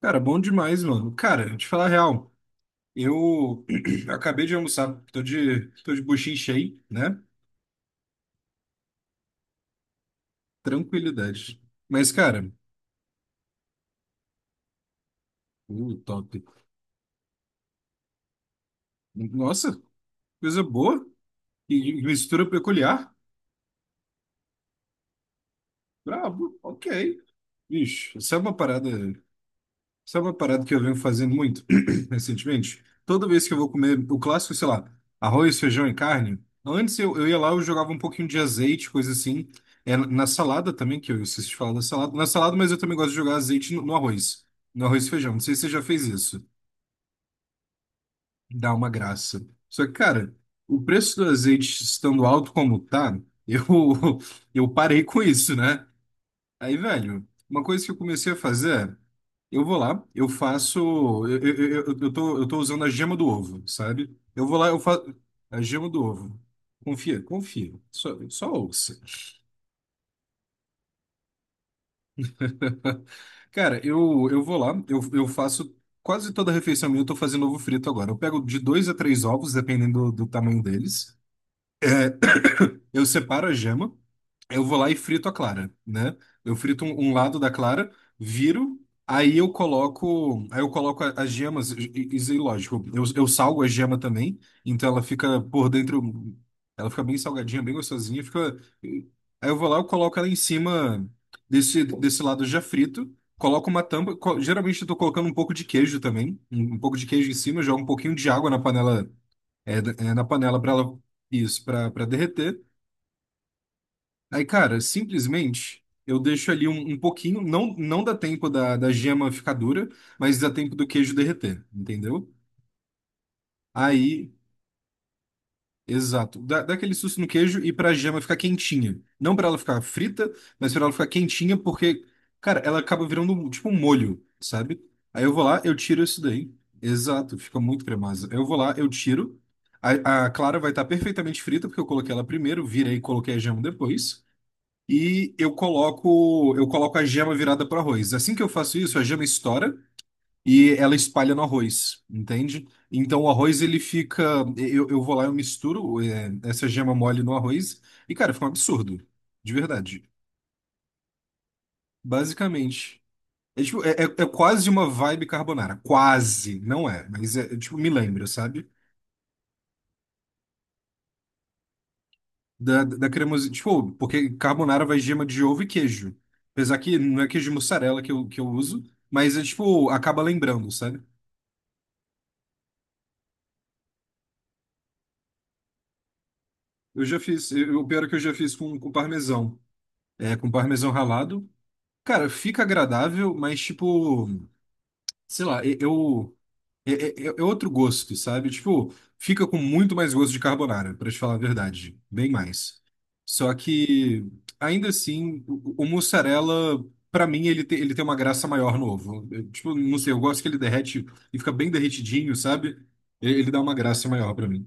Cara, bom demais, mano. Cara, te falar a real, eu acabei de almoçar, tô de buchinho cheio, né? Tranquilidade. Mas, cara, top. Nossa, coisa boa e mistura peculiar. Brabo, ok. Bicho, isso é uma parada. Sabe uma parada que eu venho fazendo muito recentemente? Toda vez que eu vou comer o clássico, sei lá, arroz, feijão e carne, antes eu ia lá, eu jogava um pouquinho de azeite, coisa assim. É, na salada também, que eu esqueci de falar da salada. Na salada, mas eu também gosto de jogar azeite no arroz. No arroz e feijão. Não sei se você já fez isso. Dá uma graça. Só que, cara, o preço do azeite estando alto como tá, eu, eu parei com isso, né? Aí, velho, uma coisa que eu comecei a fazer, eu vou lá, eu faço. Eu tô usando a gema do ovo, sabe? Eu vou lá, eu faço. A gema do ovo. Confia, confia. Só, só ouça. Cara, eu vou lá, eu faço quase toda a refeição minha, eu tô fazendo ovo frito agora. Eu pego de dois a três ovos, dependendo do tamanho deles. Eu separo a gema. Eu vou lá e frito a clara, né? Eu frito um lado da clara, viro, aí eu coloco as gemas, isso é lógico. Eu salgo a gema também, então ela fica por dentro, ela fica bem salgadinha, bem gostosinha, fica. Aí eu vou lá, eu coloco ela em cima desse lado já frito, coloco uma tampa, geralmente eu tô colocando um pouco de queijo também, um pouco de queijo em cima, jogo um pouquinho de água na panela, na panela para ela, isso, para derreter. Aí, cara, simplesmente eu deixo ali um pouquinho, não, não dá tempo da gema ficar dura, mas dá tempo do queijo derreter, entendeu? Aí, exato, dá aquele susto no queijo e pra gema ficar quentinha. Não pra ela ficar frita, mas pra ela ficar quentinha, porque, cara, ela acaba virando tipo um molho, sabe? Aí eu vou lá, eu tiro isso daí. Exato, fica muito cremosa. Eu vou lá, eu tiro. A clara vai estar perfeitamente frita, porque eu coloquei ela primeiro, virei e coloquei a gema depois. E eu coloco a gema virada para o arroz. Assim que eu faço isso, a gema estoura e ela espalha no arroz, entende? Então o arroz ele fica, eu vou lá eu misturo essa gema mole no arroz e, cara, fica um absurdo, de verdade. Basicamente. É, tipo, é quase uma vibe carbonara, quase, não é, mas tipo, me lembra, sabe? Da cremosinha. Tipo, porque carbonara vai gema de ovo e queijo. Apesar que não é queijo de mussarela que eu uso, mas é tipo, acaba lembrando, sabe? Eu já fiz. O pior é que eu já fiz com parmesão. É, com parmesão ralado. Cara, fica agradável, mas tipo, sei lá, eu. É, é outro gosto, sabe? Tipo, fica com muito mais gosto de carbonara, pra te falar a verdade. Bem mais. Só que, ainda assim, o mussarela, pra mim, ele tem uma graça maior no ovo. Eu, tipo, não sei, eu gosto que ele derrete e fica bem derretidinho, sabe? Ele dá uma graça maior pra mim.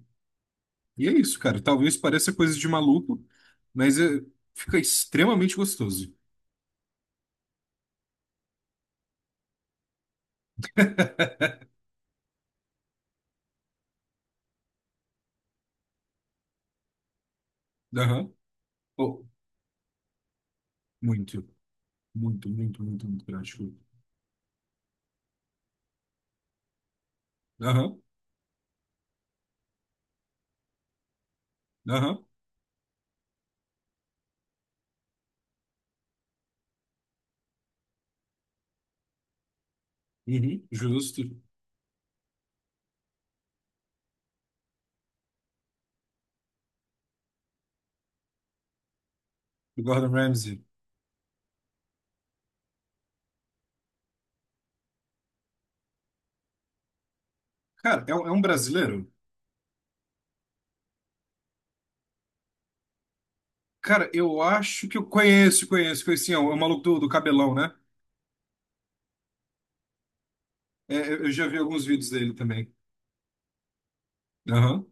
E é isso, cara. Talvez pareça coisa de maluco, mas é- fica extremamente gostoso. Aham. Oh, muito, muito, muito, muito, muito prático. Aham, aham. Uhum, justo. Do Gordon Ramsay. Cara, é, é um brasileiro? Cara, eu acho que eu conheço, conheço, conheço. É o é o maluco do cabelão, né? É, eu já vi alguns vídeos dele também. Aham.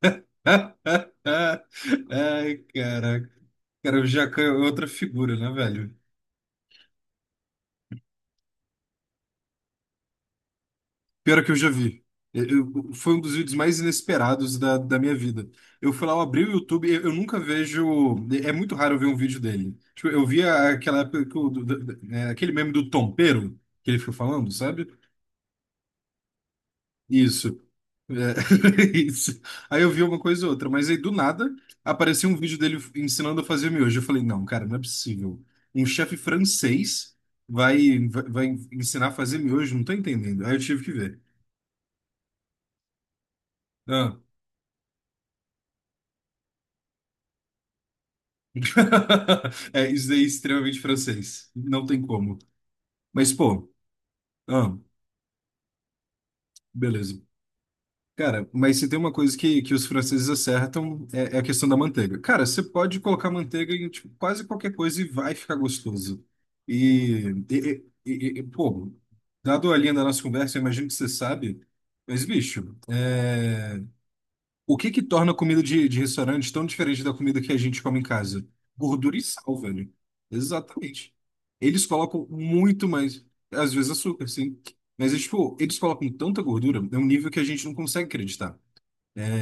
Ai, caraca. Cara, o Jacan é outra figura, né, velho? Pior que eu já vi. Foi um dos vídeos mais inesperados da minha vida. Eu fui lá, eu abri o YouTube, eu nunca vejo. É muito raro eu ver um vídeo dele. Tipo, eu via aquela época que o- do- do- né, aquele meme do Tompeiro que ele ficou falando, sabe? Isso. É, isso. Aí eu vi uma coisa ou outra, mas aí do nada apareceu um vídeo dele ensinando a fazer miojo. Eu falei, não, cara, não é possível. Um chefe francês vai ensinar a fazer miojo? Não tô entendendo. Aí eu tive que ver. Ah. É, isso daí é extremamente francês. Não tem como. Mas, pô, ah, beleza. Cara, mas se tem uma coisa que os franceses acertam é a questão da manteiga. Cara, você pode colocar manteiga em tipo, quase qualquer coisa e vai ficar gostoso. Pô, dado a linha da nossa conversa, eu imagino que você sabe, mas bicho, é, o que que torna a comida de restaurante tão diferente da comida que a gente come em casa? Gordura e sal, velho. Exatamente. Eles colocam muito mais, às vezes açúcar, sim. Mas, é, tipo, eles colocam tanta gordura, é um nível que a gente não consegue acreditar.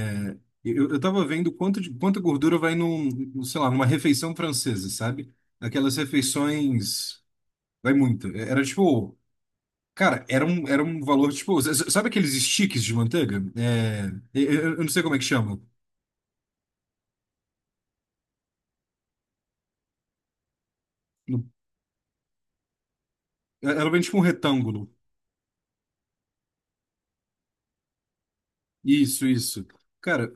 É, eu tava vendo quanta gordura vai num, sei lá, numa refeição francesa, sabe? Aquelas refeições. Vai muito. É, era tipo. Cara, era um valor tipo. Sabe aqueles sticks de manteiga? É, eu não sei como é que chama. No- É, ela vem tipo um retângulo. Isso, isso. Cara,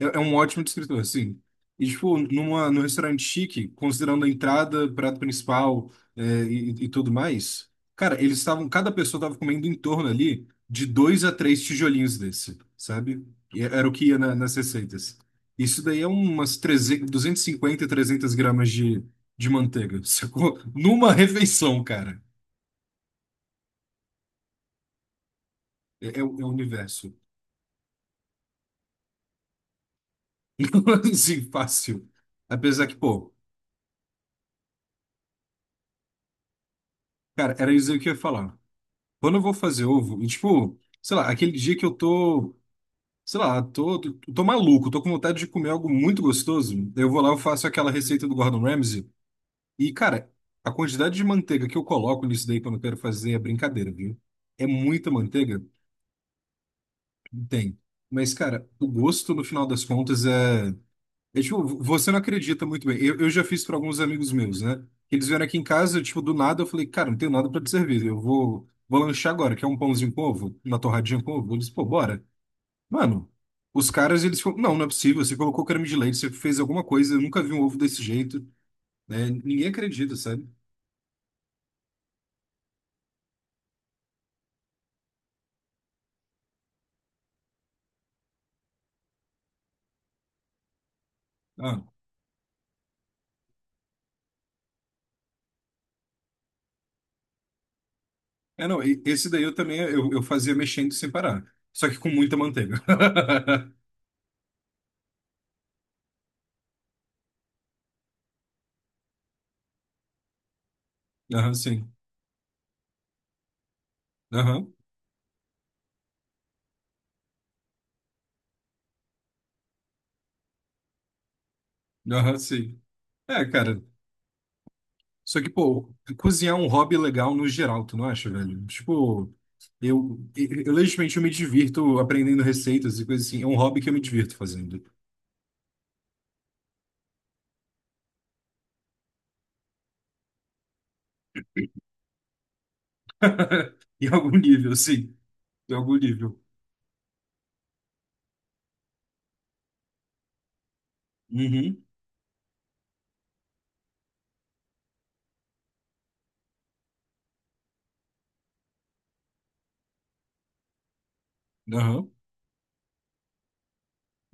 É um ótimo descritor, assim. E, tipo, num restaurante chique, considerando a entrada, prato principal, e, tudo mais, cara, eles estavam, cada pessoa estava comendo em torno ali de dois a três tijolinhos desse, sabe? E é, era o que ia nas receitas. Isso daí é umas 300, 250, 300 gramas de manteiga, sacou? Numa refeição, cara. É, o é o universo. Assim, fácil. Apesar que, pô, cara, era isso aí que eu ia falar. Quando eu vou fazer ovo, e, tipo, sei lá, aquele dia que eu tô, sei lá, tô maluco, tô com vontade de comer algo muito gostoso, eu vou lá, eu faço aquela receita do Gordon Ramsay, e, cara, a quantidade de manteiga que eu coloco nisso daí quando eu quero fazer é brincadeira, viu? É muita manteiga? Tem. Mas, cara, o gosto, no final das contas, é. É, tipo, você não acredita muito bem. Eu já fiz para alguns amigos meus, né? Eles vieram aqui em casa, tipo, do nada, eu falei, cara, não tenho nada para te servir. Eu vou lanchar agora, quer um pãozinho com ovo? Uma torradinha com ovo? Eles, pô, bora. Mano, os caras, eles falaram, não, não é possível, você colocou creme de leite, você fez alguma coisa, eu nunca vi um ovo desse jeito, né? Ninguém acredita, sabe? Ah, é, não, esse daí eu também, eu fazia mexendo sem parar, só que com muita manteiga. Aham, sim. Aham, aham, sim. É, cara. Só que, pô, cozinhar é um hobby legal no geral, tu não acha, velho? Tipo, eu legitimamente eu me divirto aprendendo receitas e coisas assim. É um hobby que eu me divirto fazendo. Em algum nível, sim. Em algum nível. Uhum. Aham.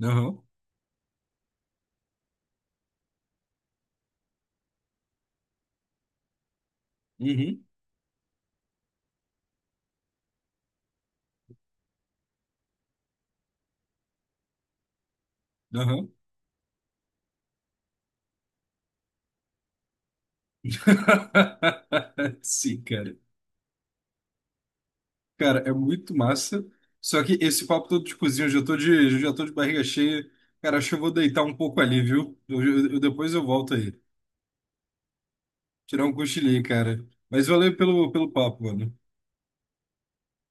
Aham. Uhum. Aham. Sim, cara. Cara, é muito massa. Só que esse papo todo de cozinha, eu já tô de barriga cheia. Cara, acho que eu vou deitar um pouco ali, viu? Depois eu volto aí. Tirar um cochilinho, cara. Mas valeu pelo papo, mano.